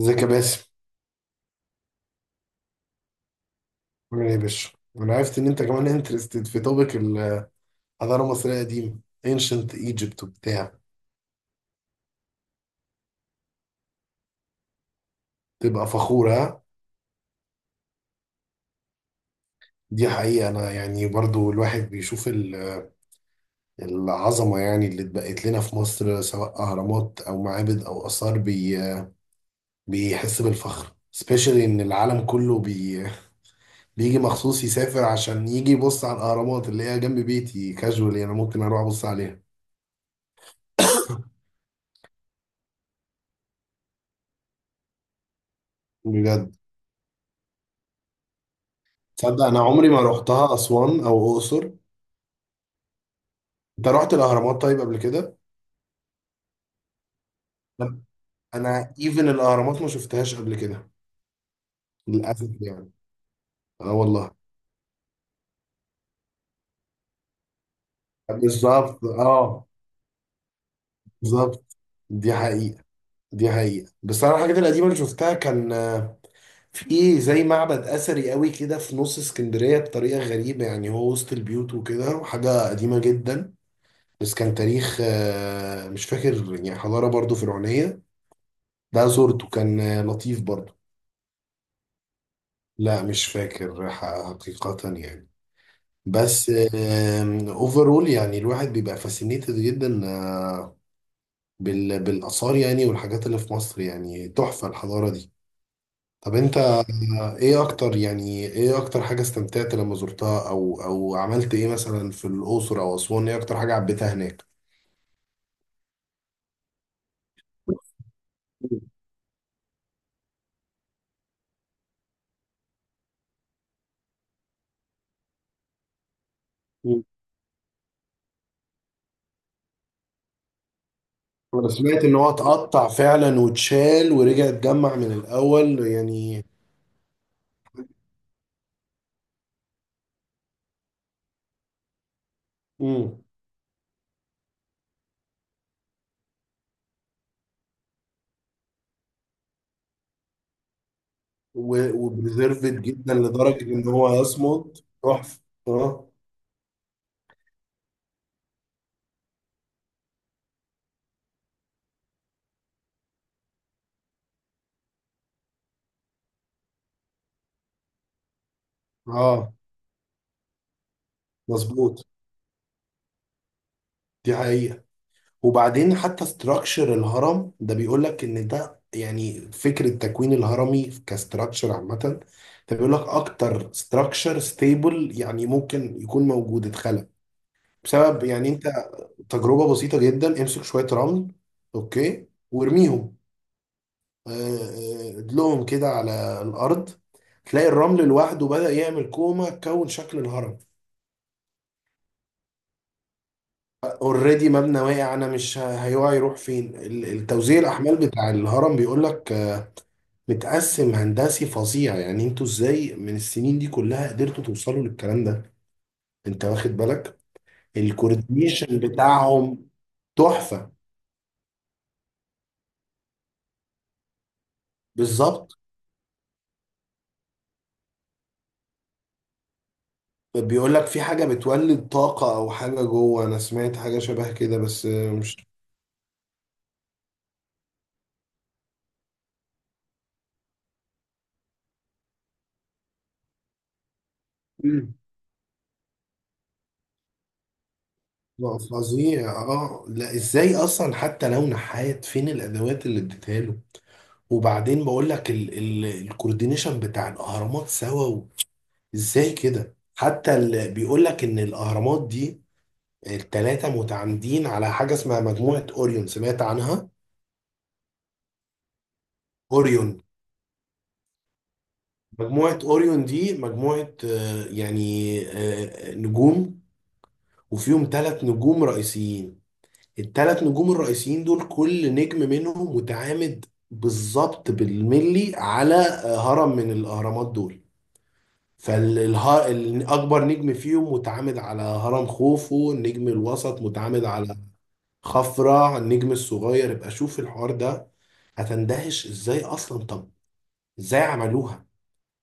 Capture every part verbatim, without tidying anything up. ازيك يا باسم؟ عامل ايه يا باشا؟ انا عرفت ان انت كمان انترستد في توبيك الحضاره المصريه القديمه، انشنت ايجيبت وبتاع. تبقى فخور ها. دي حقيقه، انا يعني برضو الواحد بيشوف ال- العظمه يعني اللي اتبقت لنا في مصر، سواء اهرامات او معابد او اثار، بي بيحس بالفخر. سبيشالي ان العالم كله بي بيجي مخصوص يسافر عشان يجي يبص على الاهرامات اللي هي جنب بيتي، كاجوال يعني ممكن اروح ابص عليها. بجد، تصدق انا عمري ما روحتها اسوان او اقصر. انت رحت الاهرامات طيب قبل كده؟ لم- انا ايفن الاهرامات ما شفتهاش قبل كده، للاسف يعني. اه والله. بالظبط، اه. بالظبط. دي حقيقه. دي حقيقه. بس انا الحاجات القديمه اللي شفتها كان آه، في زي معبد اثري قوي كده في نص اسكندريه، بطريقه غريبه يعني هو وسط البيوت وكده، وحاجه قديمه جدا. بس كان تاريخ، آه، مش فاكر يعني، حضاره برضو فرعونيه. ده زورته كان آه، لطيف برضو. لا مش فاكر ح- حقيقه يعني. بس اوفرول يعني الواحد بيبقى فاسينيتد جدا، آه، بال- بالاثار يعني والحاجات اللي في مصر. يعني تحفه الحضاره دي. طب انت، آه، ايه اكتر يعني، ايه اكتر حاجه استمتعت لما زرتها، او او عملت ايه مثلا في الاقصر او اسوان؟ ايه اكتر حاجه عبيتها هناك؟ مم. انا سمعت ان هو اتقطع فعلا واتشال ورجع اتجمع من الاول يعني. مم. وبريزيرفد جدا لدرجه ان هو يصمد. تحفه. اه. اه. مظبوط. دي حقيقة. وبعدين حتى استراكشر الهرم ده بيقول لك ان ده يعني فكرة تكوين الهرمي كاستراكشر عامة، ده بيقول لك اكتر استراكشر ستيبل يعني ممكن يكون موجود، اتخلق بسبب يعني انت تجربة بسيطة جدا: امسك شوية رمل، اوكي، وارميهم، آه، آه، ادلهم كده على الارض، تلاقي الرمل لوحده بدأ يعمل كومة، كون شكل الهرم. اوريدي مبنى واقع، انا مش ه- هيقع، يروح فين؟ ال- التوزيع الاحمال بتاع الهرم بيقول لك متقسم هندسي فظيع. يعني انتوا ازاي من السنين دي كلها قدرتوا توصلوا للكلام ده؟ انت واخد بالك الكوردينيشن بتاعهم؟ تحفة. بالظبط. بيقول لك في حاجة بتولد طاقة او حاجة جوه، انا سمعت حاجة شبه كده بس مش. مم. لا فظيع، اه. لا ازاي اصلا حتى لو نحات، فين الادوات اللي اديتها له؟ وبعدين بقول لك ال ال الكوردينيشن بتاع الاهرامات سوا، و- ازاي كده حتى؟ اللي بيقول لك ان الاهرامات دي التلاتة متعامدين على حاجة اسمها مجموعة أوريون، سمعت عنها؟ أوريون. مجموعة أوريون دي مجموعة، آه، يعني آه، آه، نجوم، وفيهم تلات نجوم رئيسيين. التلات نجوم الرئيسيين دول كل نجم منهم متعامد بالظبط بالملي على آه، هرم من الأهرامات دول. فالأكبر نجم فيهم متعامد على هرم خوفو، النجم الوسط متعامد على خفرع، النجم الصغير. ابقى شوف الحوار ده، هتندهش ازاي اصلا. طب ازاي عملوها؟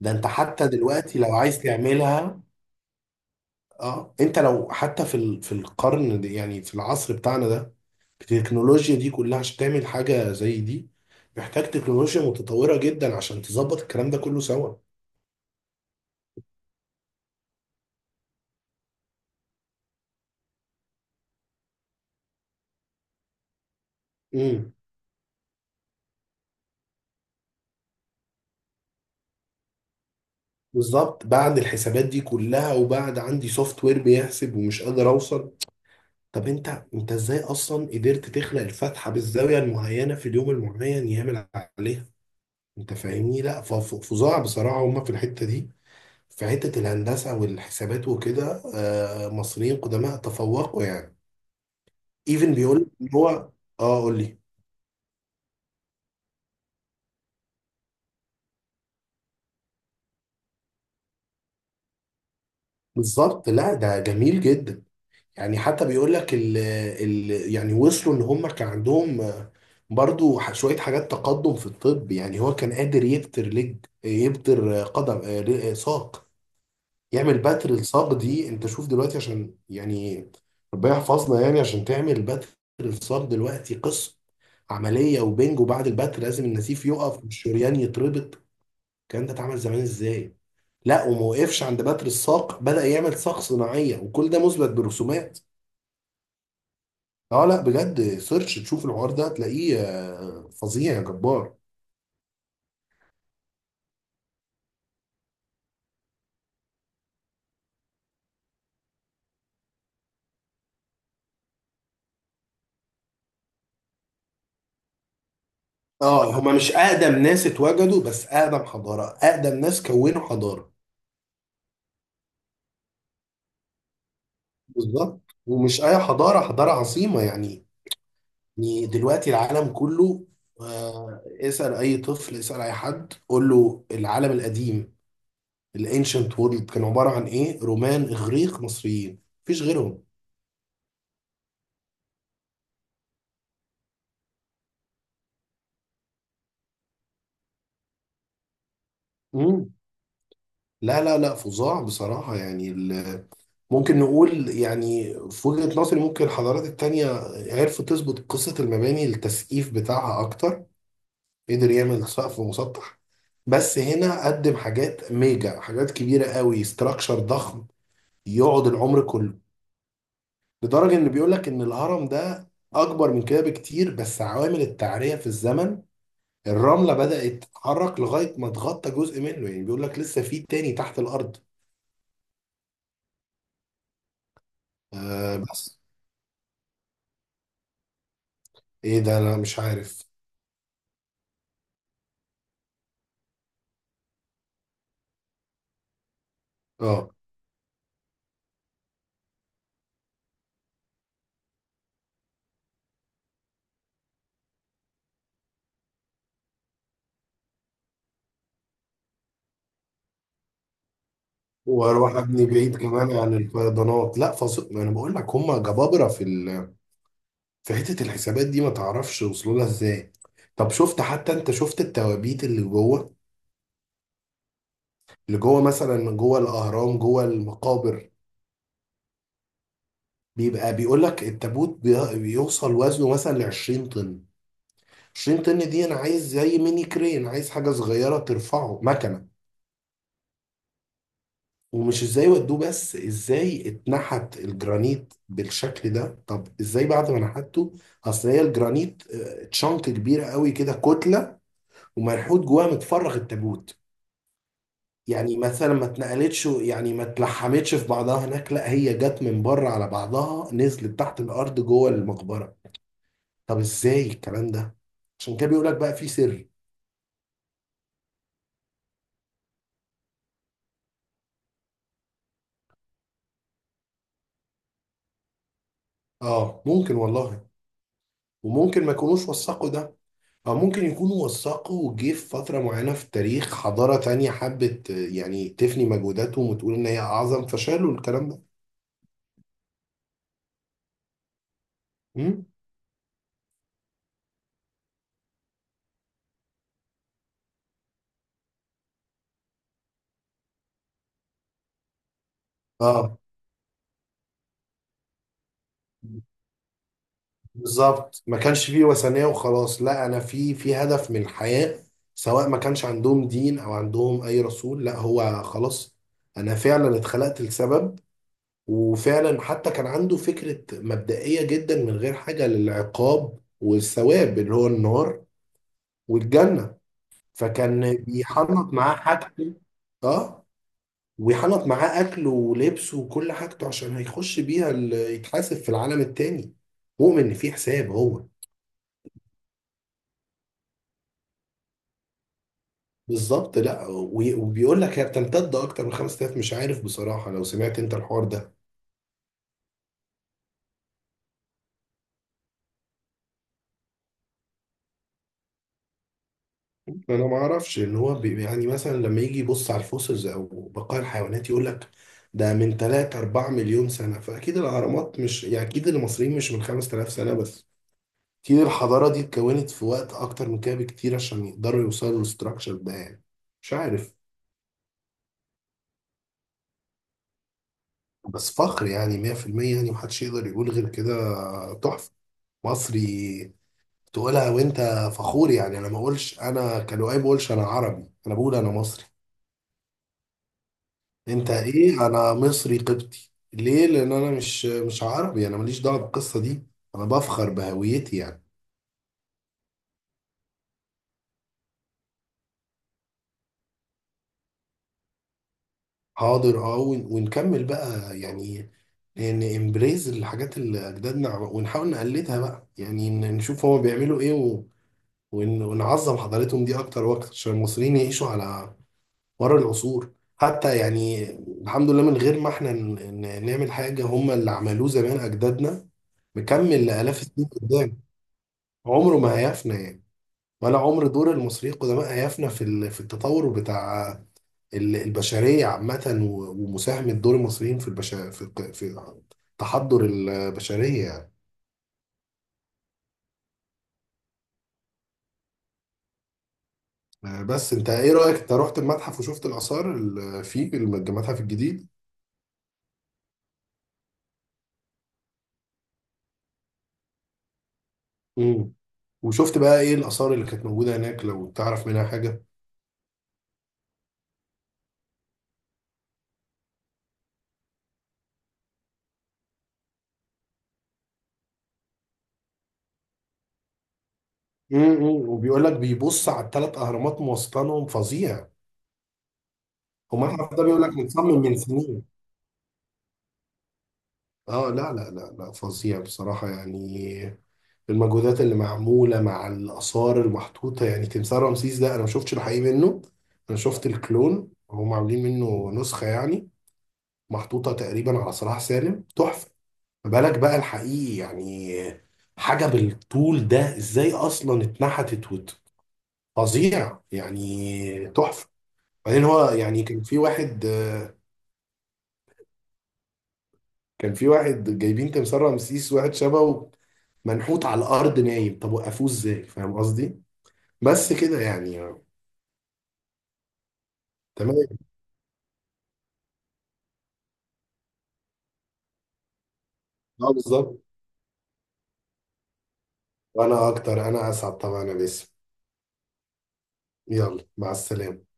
ده انت حتى دلوقتي لو عايز تعملها، اه، انت لو حتى في ال... في القرن ده يعني، في العصر بتاعنا ده، التكنولوجيا دي كلها، عشان تعمل حاجة زي دي محتاج تكنولوجيا متطورة جدا عشان تظبط الكلام ده كله سوا. امم. بالظبط، بعد الحسابات دي كلها، وبعد عندي سوفت وير بيحسب ومش قادر اوصل. طب انت، انت ازاي اصلا قدرت تخلق الفتحه بالزاويه المعينه في اليوم المعين يعمل عليها؟ انت فاهمني؟ لا ف- ف- فظاع بصراحه. هما في الحته دي، في حته الهندسه والحسابات وكده، آه، مصريين قدماء تفوقوا يعني. ايفن بيقول لك ان هو، اه قول لي. بالظبط، لا ده جميل جدا. يعني حتى بيقول لك ال ال يعني وصلوا ان هم كان عندهم، آه، برضو ح- شوية حاجات تقدم في الطب. يعني هو كان قادر يبتر لج، يبتر، آه، قدم، آه، ل- آه، ساق، يعمل بتر الصاج. دي انت شوف دلوقتي، عشان يعني ربنا يحفظنا، يعني عشان تعمل بتر الصاج دلوقتي، قصة: عملية، وبنج، وبعد البتر لازم النسيف يقف والشريان يتربط. الكلام ده اتعمل زمان ازاي؟ لا وما وقفش عند بتر الساق، بدأ يعمل ساق صناعية، وكل ده مثبت برسومات. اه لا بجد، سيرش تشوف الحوار ده، هتلاقيه آه، فظيع يا جبار. اه، هما مش اقدم ناس اتوجدوا، بس اقدم حضارة، اقدم ناس كونوا حضارة. بالظبط، ومش اي حضاره، حضاره عظيمه يعني. يعني دلوقتي العالم كله، آه، اسال اي طفل، اسال اي حد، قول له العالم القديم، الانشنت وورلد، كان عباره عن ايه؟ رومان، اغريق، مصريين، مفيش غيرهم. مم. لا لا لا فظاع بصراحه يعني ال- ممكن نقول يعني في وجهه نظري، ممكن الحضارات التانيه عرفوا تظبط قصه المباني، التسقيف بتاعها اكتر، قدر يعمل سقف مسطح، بس هنا قدم حاجات ميجا، حاجات كبيره قوي، استراكشر ضخم يقعد العمر كله. لدرجه ان بيقول لك ان الهرم ده اكبر من كده بكتير، بس عوامل التعريه في الزمن، الرمله بدات تتحرك لغايه ما تغطى جزء منه. يعني بيقول لك لسه في تاني تحت الارض. آه بس ايه ده، انا مش عارف. اه، واروح ابني بعيد كمان عن الفيضانات. لا فص... ما انا بقول لك هم جبابره في ال... فحتة الحسابات دي ما تعرفش وصلوا لها ازاي. طب شفت حتى، انت شفت التوابيت اللي جوه؟ اللي جوه مثلا، جوه الاهرام، جوه المقابر. بيبقى بيقول لك التابوت بي- بيوصل وزنه مثلا ل عشرين طن. عشرين طن دي انا عايز زي ميني كرين، عايز حاجة صغيرة ترفعه، مكنة. ومش ازاي ودوه بس، ازاي اتنحت الجرانيت بالشكل ده؟ طب ازاي بعد ما نحته؟ اصل هي الجرانيت، آه، تشنك كبيرة قوي كده، كتلة، ومنحوت جواها متفرغ التابوت. يعني مثلا ما اتنقلتش، يعني ما اتلحمتش في بعضها هناك، لا هي جت من بره على بعضها، نزلت تحت الارض جوه المقبره. طب ازاي الكلام ده؟ عشان كده بيقول لك بقى في سر. اه ممكن والله. وممكن ما يكونوش وثقوا ده، او ممكن يكونوا وثقوا، وجه في فتره معينه في التاريخ حضاره تانية حبت آه، يعني تفني مجهوداتهم وتقول ان هي اعظم، فشالوا الكلام ده. امم. اه، بالظبط، ما كانش فيه وثنية وخلاص، لا، انا في في هدف من الحياة. سواء ما كانش عندهم دين او عندهم اي رسول، لا هو خلاص انا فعلا اتخلقت لسبب. وفعلا حتى كان عنده فكرة مبدئية جدا من غير حاجة للعقاب والثواب، اللي هو النار والجنة. فكان بيحنط معاه حاجته. اه، ويحنط معاه اكله ولبسه وكل حاجته، عشان هيخش بيها ال- يتحاسب في العالم التاني، مؤمن ان في حساب هو. بالظبط. لا وي- وبيقول لك هي بتمتد اكتر من خمس تلاف، مش عارف بصراحه، لو سمعت انت الحوار ده. انا ما اعرفش، ان هو بي يعني مثلا لما يجي يبص على الفوسلز، او بقايا الحيوانات، يقول لك ده من ثلاثة اربعه مليون سنه. فاكيد الاهرامات مش يعني، اكيد المصريين مش من 5000 سنه بس، اكيد الحضاره دي اتكونت في وقت اكتر من كده بكتير عشان يقدروا يوصلوا للستراكشر ده يعني. مش عارف. بس فخر يعني، مية في المية يعني، محدش يقدر يقول غير كده. تحفه. مصري تقولها وانت فخور يعني. انا ما اقولش انا كلؤي، ما اقولش انا عربي، انا بقول انا مصري. انت ايه؟ انا مصري قبطي. ليه؟ لان انا مش مش عربي، انا ماليش دعوه بالقصه دي. انا بفخر بهويتي يعني. حاضر اه، ون- ونكمل بقى يعني، ان امبريز الحاجات اللي اجدادنا عم- ونحاول نقلدها بقى يعني، ن- نشوف هما بيعملوا ايه، و... ون- ونعظم حضارتهم دي اكتر واكتر، عشان المصريين يعيشوا على ورا العصور حتى يعني. الحمد لله، من غير ما احنا ن- ن- نعمل حاجة، هم اللي عملوه زمان أجدادنا مكمل لآلاف السنين قدام. عمره ما هيفنى يعني، ولا عمر دور المصريين القدماء هيفنى في ال- في التطور بتاع ال- البشرية عامة، و- ومساهمة دور المصريين في البشر في الق- في تحضر البشرية يعني. آه، بس انت ايه رأيك، انت رحت المتحف وشفت الآثار اللي فيه المتحف الجديد؟ مم. وشفت بقى ايه الآثار اللي كانت موجودة هناك لو تعرف منها حاجة؟ امم. وبيقول لك بيبص على الثلاث اهرامات، موصلانهم فظيع. ومتحف ده بيقول لك متصمم من سنين. اه لا لا لا لا فظيع بصراحه يعني، المجهودات اللي معموله مع الاثار المحطوطه. يعني تمثال رمسيس ده انا ما شفتش الحقيقي منه، انا شفت الكلون، هم عاملين منه نسخه يعني محطوطه تقريبا على صلاح سالم، تحفه. ما بالك بقى الحقيقي يعني، حاجه بالطول ده ازاي اصلا اتنحتت وت- فظيع يعني، تحفه. بعدين هو يعني كان في واحد، آه، كان في واحد جايبين تمثال رمسيس، واحد شبهه منحوت على الارض نايم، طب وقفوه ازاي؟ فاهم قصدي؟ بس كده يعني. تمام. اه بالظبط. وانا اكتر، انا اسعد طبعا يا باسم. يلا مع السلامه.